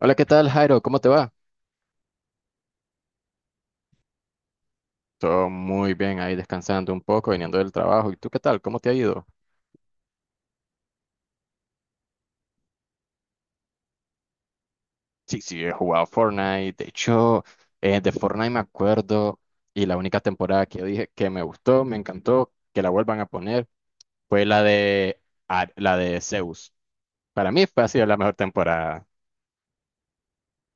Hola, ¿qué tal, Jairo? ¿Cómo te va? Todo muy bien ahí descansando un poco, viniendo del trabajo. ¿Y tú qué tal? ¿Cómo te ha ido? Sí, sí, he jugado Fortnite. De hecho, de Fortnite me acuerdo y la única temporada que yo dije que me gustó, me encantó, que la vuelvan a poner, fue la de, la de Zeus. Para mí fue, ha sido la mejor temporada.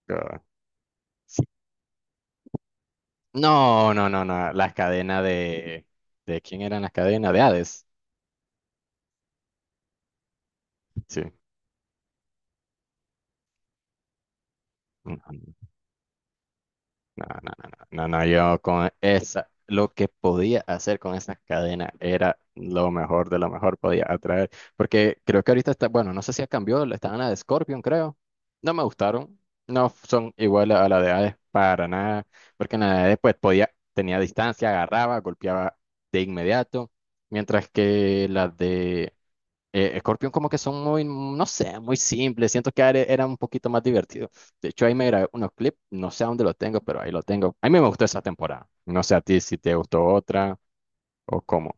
Yo- sí. No, no, no, no. Las cadenas de... ¿De quién eran las cadenas? De Hades. Sí. No, no, no, no, no, no, yo con esa, lo que podía hacer con esa cadena era lo mejor de lo mejor, podía atraer, porque creo que ahorita está, bueno, no sé si ha cambiado, estaban la de Scorpion, creo, no me gustaron, no son iguales a la de Hades para nada, porque en la de Hades pues podía, tenía distancia, agarraba, golpeaba de inmediato, mientras que las de Scorpion como que son muy, no sé, muy simples. Siento que Ares era un poquito más divertido. De hecho, ahí me grabé unos clips, no sé a dónde lo tengo, pero ahí lo tengo. A mí me gustó esa temporada. No sé a ti si te gustó otra o cómo.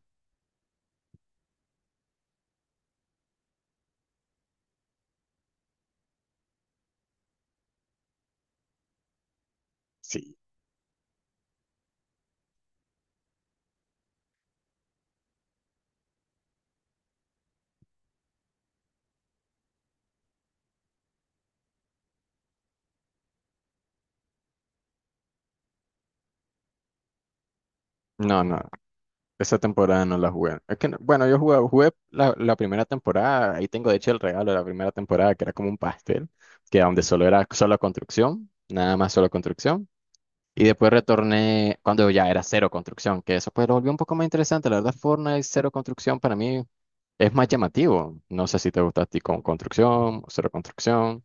Sí. No, no, esa temporada no la jugué. Es que, bueno, yo jugué, jugué la primera temporada, ahí tengo de hecho el regalo de la primera temporada, que era como un pastel, que donde solo era solo construcción, nada más solo construcción. Y después retorné cuando ya era cero construcción, que eso pues lo volvió un poco más interesante. La verdad, Fortnite cero construcción para mí es más llamativo. No sé si te gusta a ti con construcción, cero construcción.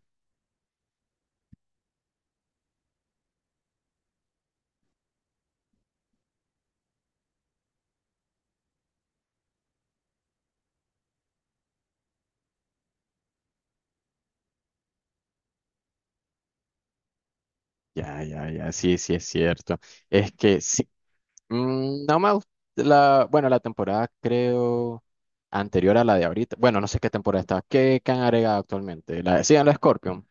Ya, ya, ya, sí, sí es cierto. Es que sí, no me gusta bueno, la temporada creo anterior a la de ahorita. Bueno, no sé qué temporada está. ¿Qué han agregado actualmente? La, sí, la Scorpion.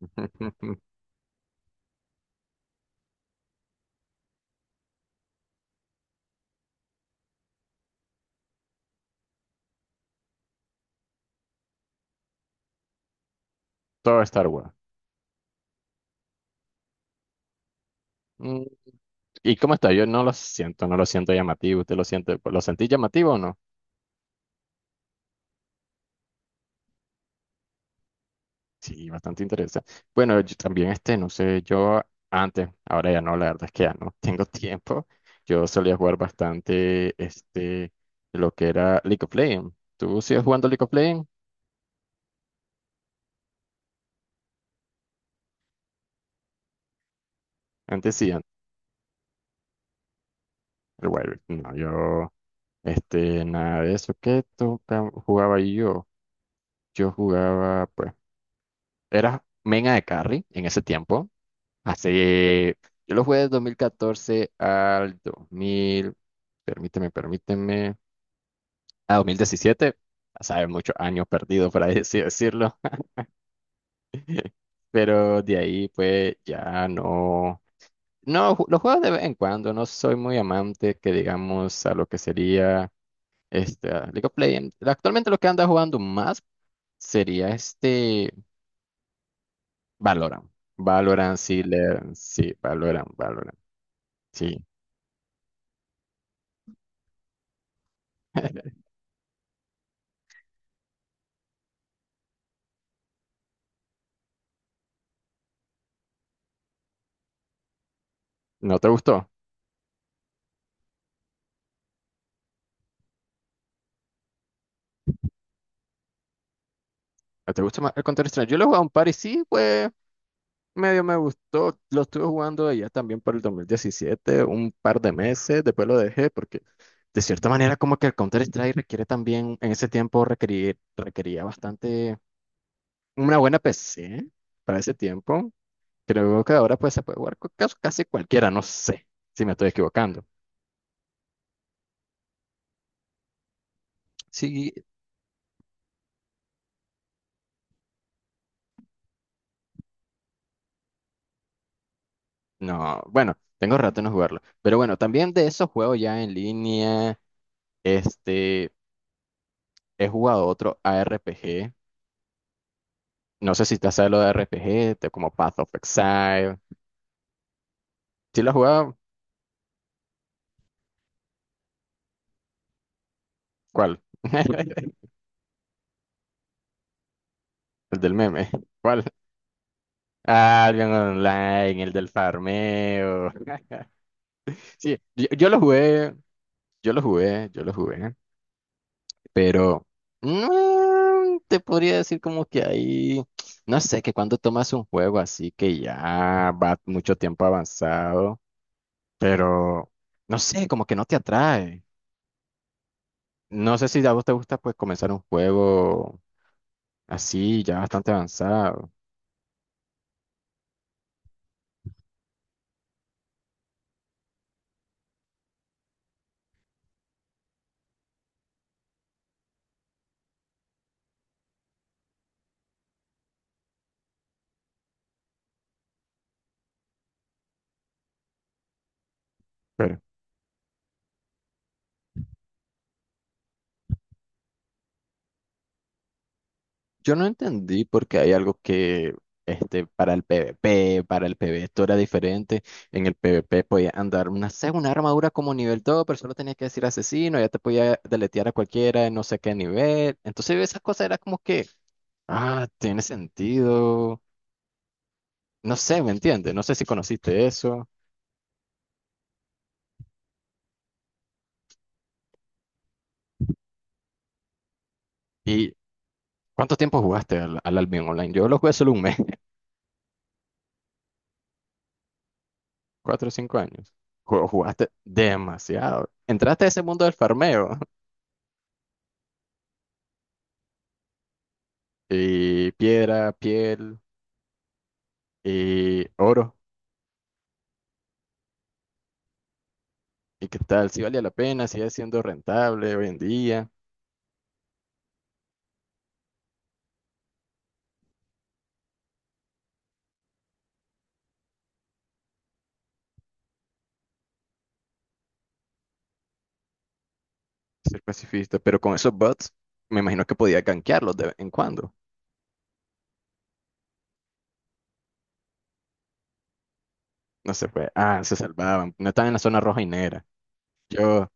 Todo Star Wars. Mm, ¿Y cómo está? Yo no lo siento, no lo siento llamativo. ¿Usted lo siente? ¿Lo sentí llamativo o no? Sí, bastante interesante. Bueno, yo también este, no sé, yo antes, ahora ya no, la verdad es que ya no tengo tiempo. Yo solía jugar bastante este, lo que era League of Legends. ¿Tú sigues jugando League of Legends? Antes sí, antes. El Wild no, yo este, nada de eso. ¿Qué jugaba yo? Yo jugaba, pues, era Mena de Carry en ese tiempo. Hace, yo lo jugué de 2014 al 2000, permíteme, permíteme, a 2017, a saber, muchos años perdidos, por ahí así decirlo, pero de ahí pues ya no, no, los juego de vez en cuando, no soy muy amante que digamos a lo que sería este a League of Legends. Actualmente lo que anda jugando más sería este Valorant. Valorant, sí, le, sí, Valorant, Valorant, sí. ¿No te gustó? ¿No te gusta más el Counter-Strike? Yo lo he jugado un par y sí, pues medio me gustó. Lo estuve jugando allá también por el 2017, un par de meses, después lo dejé porque de cierta manera como que el Counter-Strike requiere también, en ese tiempo requerir, requería bastante una buena PC para ese tiempo. Creo que ahora pues se puede jugar con casi cualquiera, no sé si me estoy equivocando. Sí, no, bueno, tengo rato en no jugarlo. Pero bueno, también de esos juegos ya en línea, este, he jugado otro ARPG. No sé si te hace lo de RPG, como Path of Exile. ¿Sí lo has jugado? ¿Cuál? El del meme. ¿Cuál? Ah, el Online, el del farmeo. Sí, yo lo jugué, yo lo jugué, yo lo jugué, pero te podría decir como que ahí, no sé, que cuando tomas un juego así que ya va mucho tiempo avanzado, pero no sé, como que no te atrae. No sé si a vos te gusta pues comenzar un juego. Así, ya bastante avanzado. Pero yo no entendí porque hay algo que este, para el PvP, para el PvE, esto era diferente. En el PvP podía andar una, sé, una armadura como nivel 2, pero solo tenías que decir asesino, ya te podía deletear a cualquiera de no sé qué nivel. Entonces esas cosas era como que, ah, tiene sentido. No sé, ¿me entiendes? No sé si conociste eso. ¿Y cuánto tiempo jugaste al Albion Online? Yo lo jugué solo un mes. 4 o 5 años. Jugaste demasiado. Entraste a ese mundo del farmeo. Y piedra, piel y oro. ¿Y qué tal? Si valía la pena, sigue siendo rentable hoy en día, ser pacifista. Pero con esos bots, me imagino que podía gankearlos de vez en cuando. No se fue. Ah, se salvaban. No estaban en la zona roja y negra. Yo,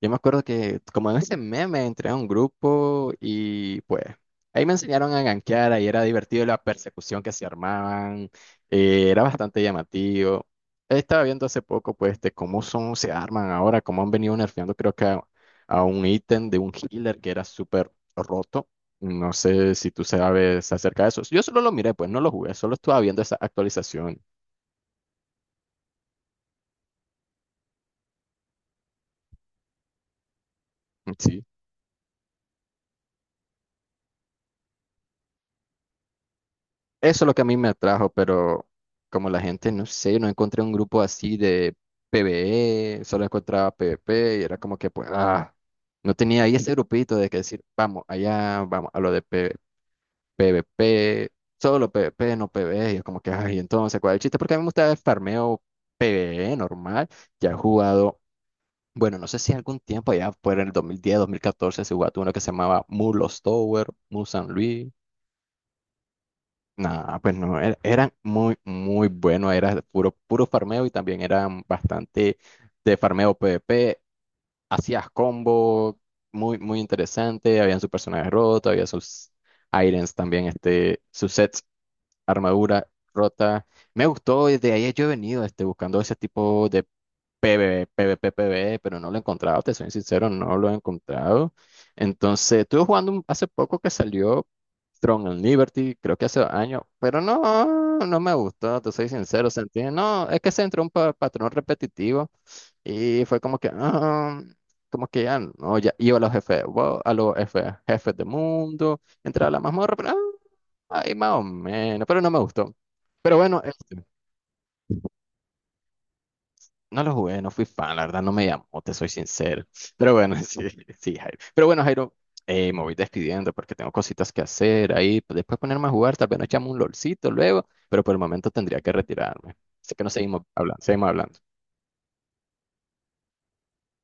Yo me acuerdo que como en ese meme entré a un grupo y pues ahí me enseñaron a gankear, ahí era divertido la persecución que se armaban, era bastante llamativo. Estaba viendo hace poco pues de cómo son, se arman ahora, cómo han venido nerfeando creo que a un ítem de un healer que era súper roto. No sé si tú sabes acerca de eso. Yo solo lo miré, pues no lo jugué, solo estaba viendo esa actualización. Sí. Eso es lo que a mí me atrajo, pero como la gente, no sé, no encontré un grupo así de PvE, solo encontraba PvP y era como que, pues, ah, no tenía ahí ese grupito de que decir, vamos, allá, vamos a lo de PvP, solo PvP, no PvE, y es como que, ay, entonces, ¿cuál es el chiste? Porque a mí me gusta el farmeo PvE normal, ya he jugado, bueno, no sé si algún tiempo, allá por el 2010, 2014, se jugó uno que se llamaba Mulos Tower, Mu San Luis. Nah, pues no, eran muy, muy buenos, era puro, puro farmeo y también eran bastante de farmeo PvP, hacías combo muy, muy interesante, habían sus personajes rotos, había sus items también, este, sus sets, armadura rota. Me gustó, desde ahí yo he venido este, buscando ese tipo de PvP, PvE, pero no lo he encontrado, te soy sincero, no lo he encontrado. Entonces, estuve jugando hace poco que salió Throne and Liberty, creo que hace 2 años, pero no, no me gustó, te soy sincero, sentí, no, es que se entró un patrón repetitivo y fue como que, ah, como que ya, no, ya iba a los jefes, wow, a los jefes, jefes de mundo, entraba a la mazmorra, pero, ah, ahí más o menos, pero no me gustó. Pero bueno, este. No lo jugué, no fui fan, la verdad no me llamó, te soy sincero. Pero bueno, sí, sí, Jairo. Pero bueno, Jairo, me voy despidiendo porque tengo cositas que hacer ahí, pues, después ponerme a jugar, tal vez nos echamos un lolcito luego, pero por el momento tendría que retirarme. Así que nos seguimos hablando, seguimos hablando.